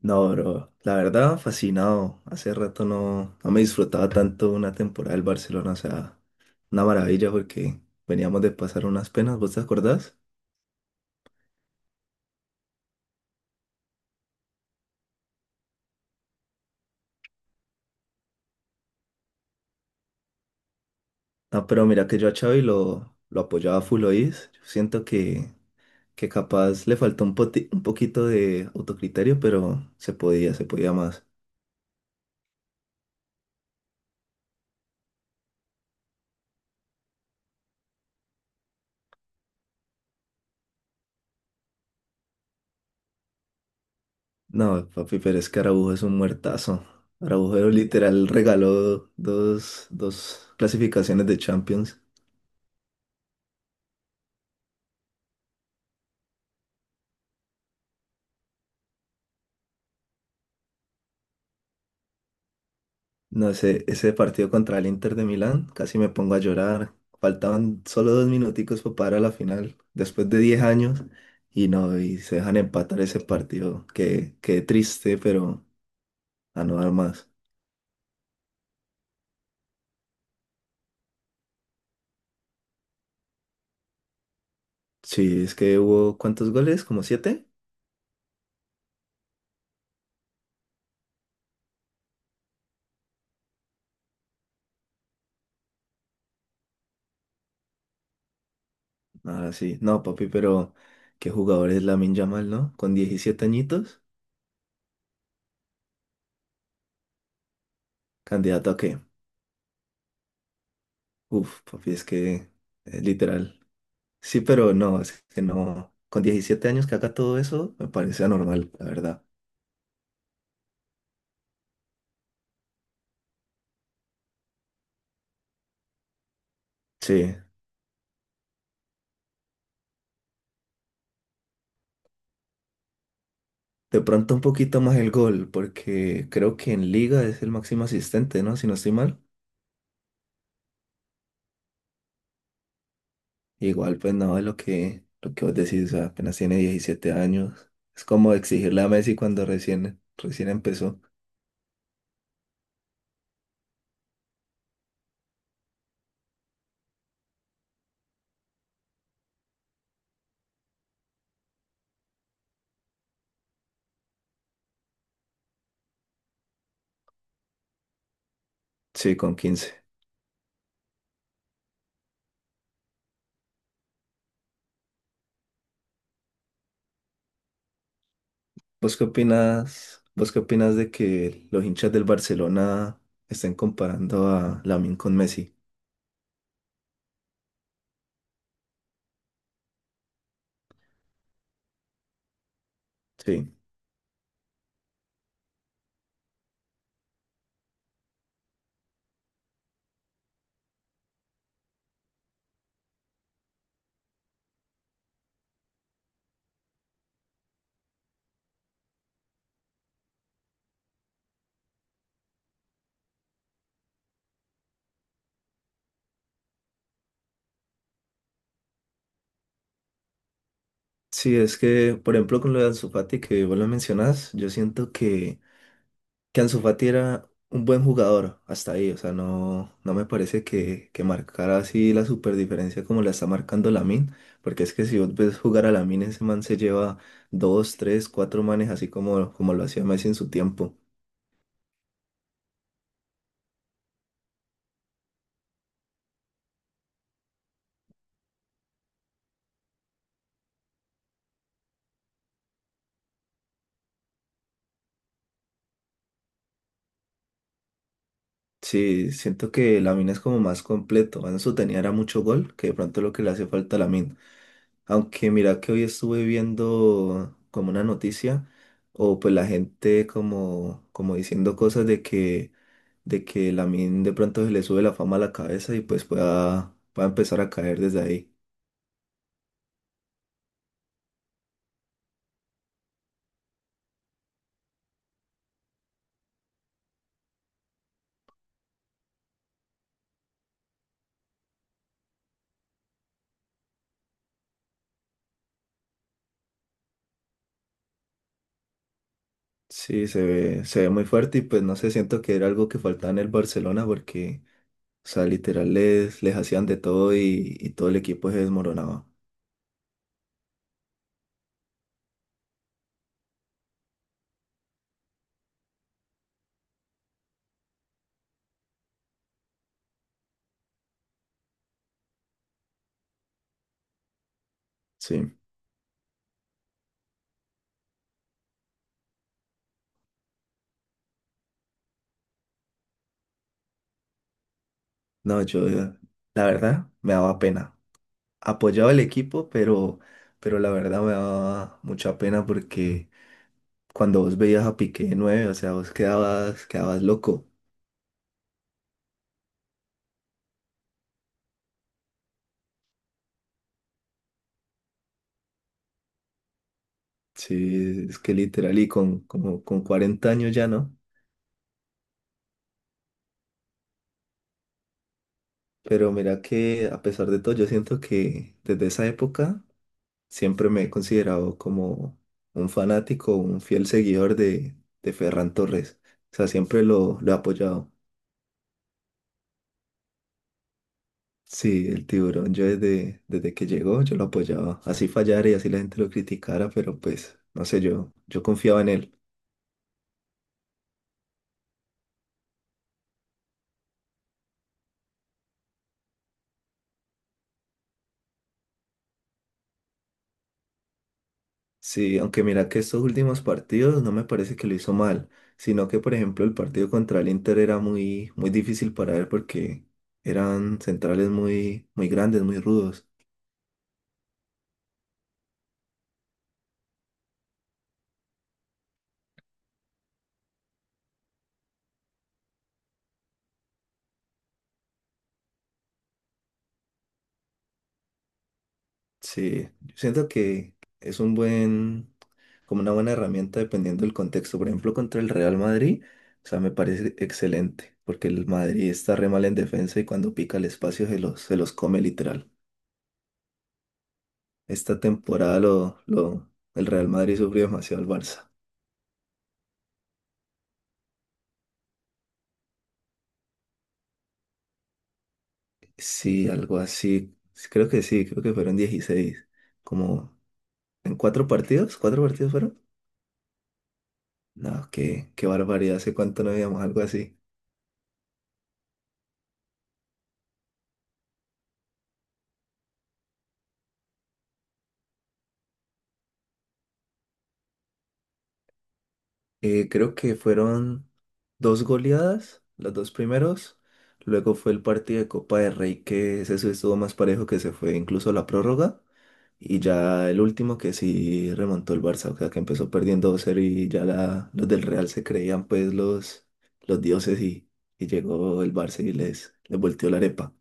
No, bro, la verdad, fascinado. Hace rato no me disfrutaba tanto una temporada del Barcelona, o sea, una maravilla porque veníamos de pasar unas penas, ¿vos te acordás? Ah, pero mira que yo a Xavi lo apoyaba full oís. Yo siento que capaz le faltó un poquito de autocriterio, pero se podía más. No, papi, pero es que Araujo es un muertazo. Araujo literal regaló dos clasificaciones de Champions. No sé, ese partido contra el Inter de Milán, casi me pongo a llorar. Faltaban solo dos minuticos para parar a la final, después de 10 años, y no, y se dejan empatar ese partido. Qué triste, pero a no dar más. Sí, es que hubo, ¿cuántos goles? ¿Como siete? Ah, sí. No, papi, pero qué jugador es Lamine Yamal, ¿no? Con 17 añitos, ¿candidato a qué? Uf, papi, es que, literal. Sí, pero no, es que no. Con 17 años que haga todo eso, me parece anormal, la verdad. Sí, de pronto un poquito más el gol, porque creo que en liga es el máximo asistente, ¿no? Si no estoy mal. Igual, pues no, es lo que vos decís, o sea, apenas tiene 17 años. Es como exigirle a Messi cuando recién empezó. Sí, con quince. ¿Vos qué opinas? ¿Vos qué opinas de que los hinchas del Barcelona estén comparando a Lamine con Messi? Sí. Sí, es que, por ejemplo, con lo de Ansu Fati que vos lo mencionás, yo siento que Ansu Fati era un buen jugador hasta ahí, o sea, no me parece que marcara así la super diferencia como la está marcando Lamine, porque es que si vos ves jugar a Lamine, ese man se lleva dos, tres, cuatro manes así como, como lo hacía Messi en su tiempo. Sí, siento que Lamine es como más completo. Ansu tenía era mucho gol, que de pronto lo que le hace falta a Lamine. Aunque mira que hoy estuve viendo como una noticia, o pues la gente como, como diciendo cosas de que Lamine de pronto se le sube la fama a la cabeza y pues pueda empezar a caer desde ahí. Sí, se ve muy fuerte y pues no sé, siento que era algo que faltaba en el Barcelona porque, o sea, literal les hacían de todo y todo el equipo se desmoronaba. Sí, no, yo la verdad me daba pena. Apoyaba el equipo, pero la verdad me daba mucha pena porque cuando vos veías a Piqué de nueve, o sea, vos quedabas loco. Sí, es que literal y con, como, con 40 años ya no, pero mira que a pesar de todo yo siento que desde esa época siempre me he considerado como un fanático, un fiel seguidor de Ferran Torres, o sea, siempre lo he apoyado. Sí, el tiburón, yo desde que llegó yo lo apoyaba, así fallara y así la gente lo criticara, pero pues no sé, yo confiaba en él. Sí, aunque mira que estos últimos partidos no me parece que lo hizo mal, sino que por ejemplo el partido contra el Inter era muy, muy difícil para él porque eran centrales muy, muy grandes, muy rudos. Sí, yo siento que es un buen, como una buena herramienta dependiendo del contexto. Por ejemplo, contra el Real Madrid, o sea, me parece excelente, porque el Madrid está re mal en defensa y cuando pica el espacio se los come literal. Esta temporada el Real Madrid sufrió demasiado al Barça. Sí, algo así. Sí, creo que sí, creo que fueron 16. Como en ¿cuatro partidos fueron? No, qué, qué barbaridad, hace cuánto no veíamos algo así. Creo que fueron dos goleadas, los dos primeros. Luego fue el partido de Copa de Rey que ese sí estuvo más parejo que se fue incluso a la prórroga. Y ya el último que sí remontó el Barça, o sea, que empezó perdiendo dos cero y ya los del Real se creían pues los dioses y llegó el Barça y les volteó la arepa.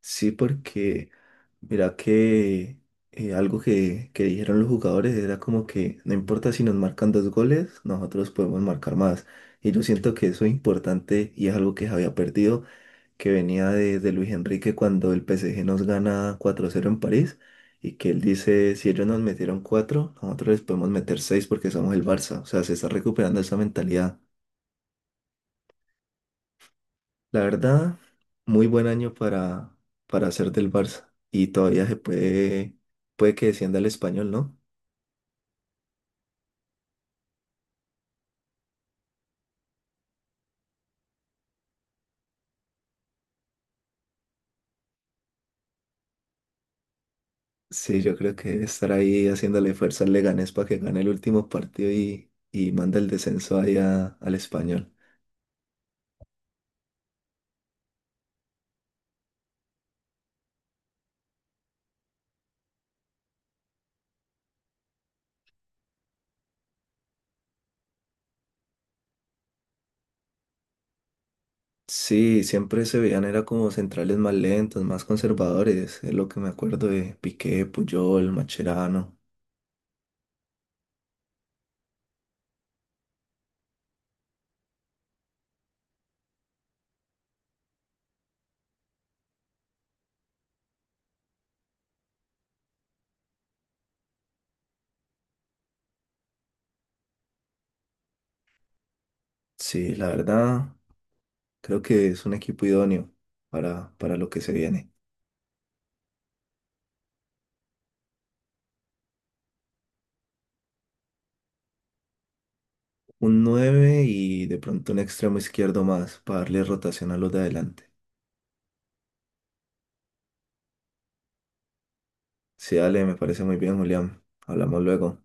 Sí, porque mira que algo que dijeron los jugadores era como que no importa si nos marcan dos goles, nosotros podemos marcar más. Y yo siento que eso es importante y es algo que se había perdido que venía de Luis Enrique cuando el PSG nos gana 4-0 en París y que él dice, si ellos nos metieron 4 nosotros les podemos meter 6 porque somos el Barça. O sea, se está recuperando esa mentalidad. La verdad, muy buen año para hacer del Barça y todavía se puede, puede que descienda el español, ¿no? Sí, yo creo que estar ahí haciéndole fuerza al Leganés para que gane el último partido y manda el descenso allá al español. Sí, siempre se veían, era como centrales más lentos, más conservadores, es lo que me acuerdo de Piqué, Puyol, Macherano. Sí, la verdad, creo que es un equipo idóneo para lo que se viene. Un nueve y de pronto un extremo izquierdo más para darle rotación a los de adelante. Sí, dale, me parece muy bien, Julián. Hablamos luego.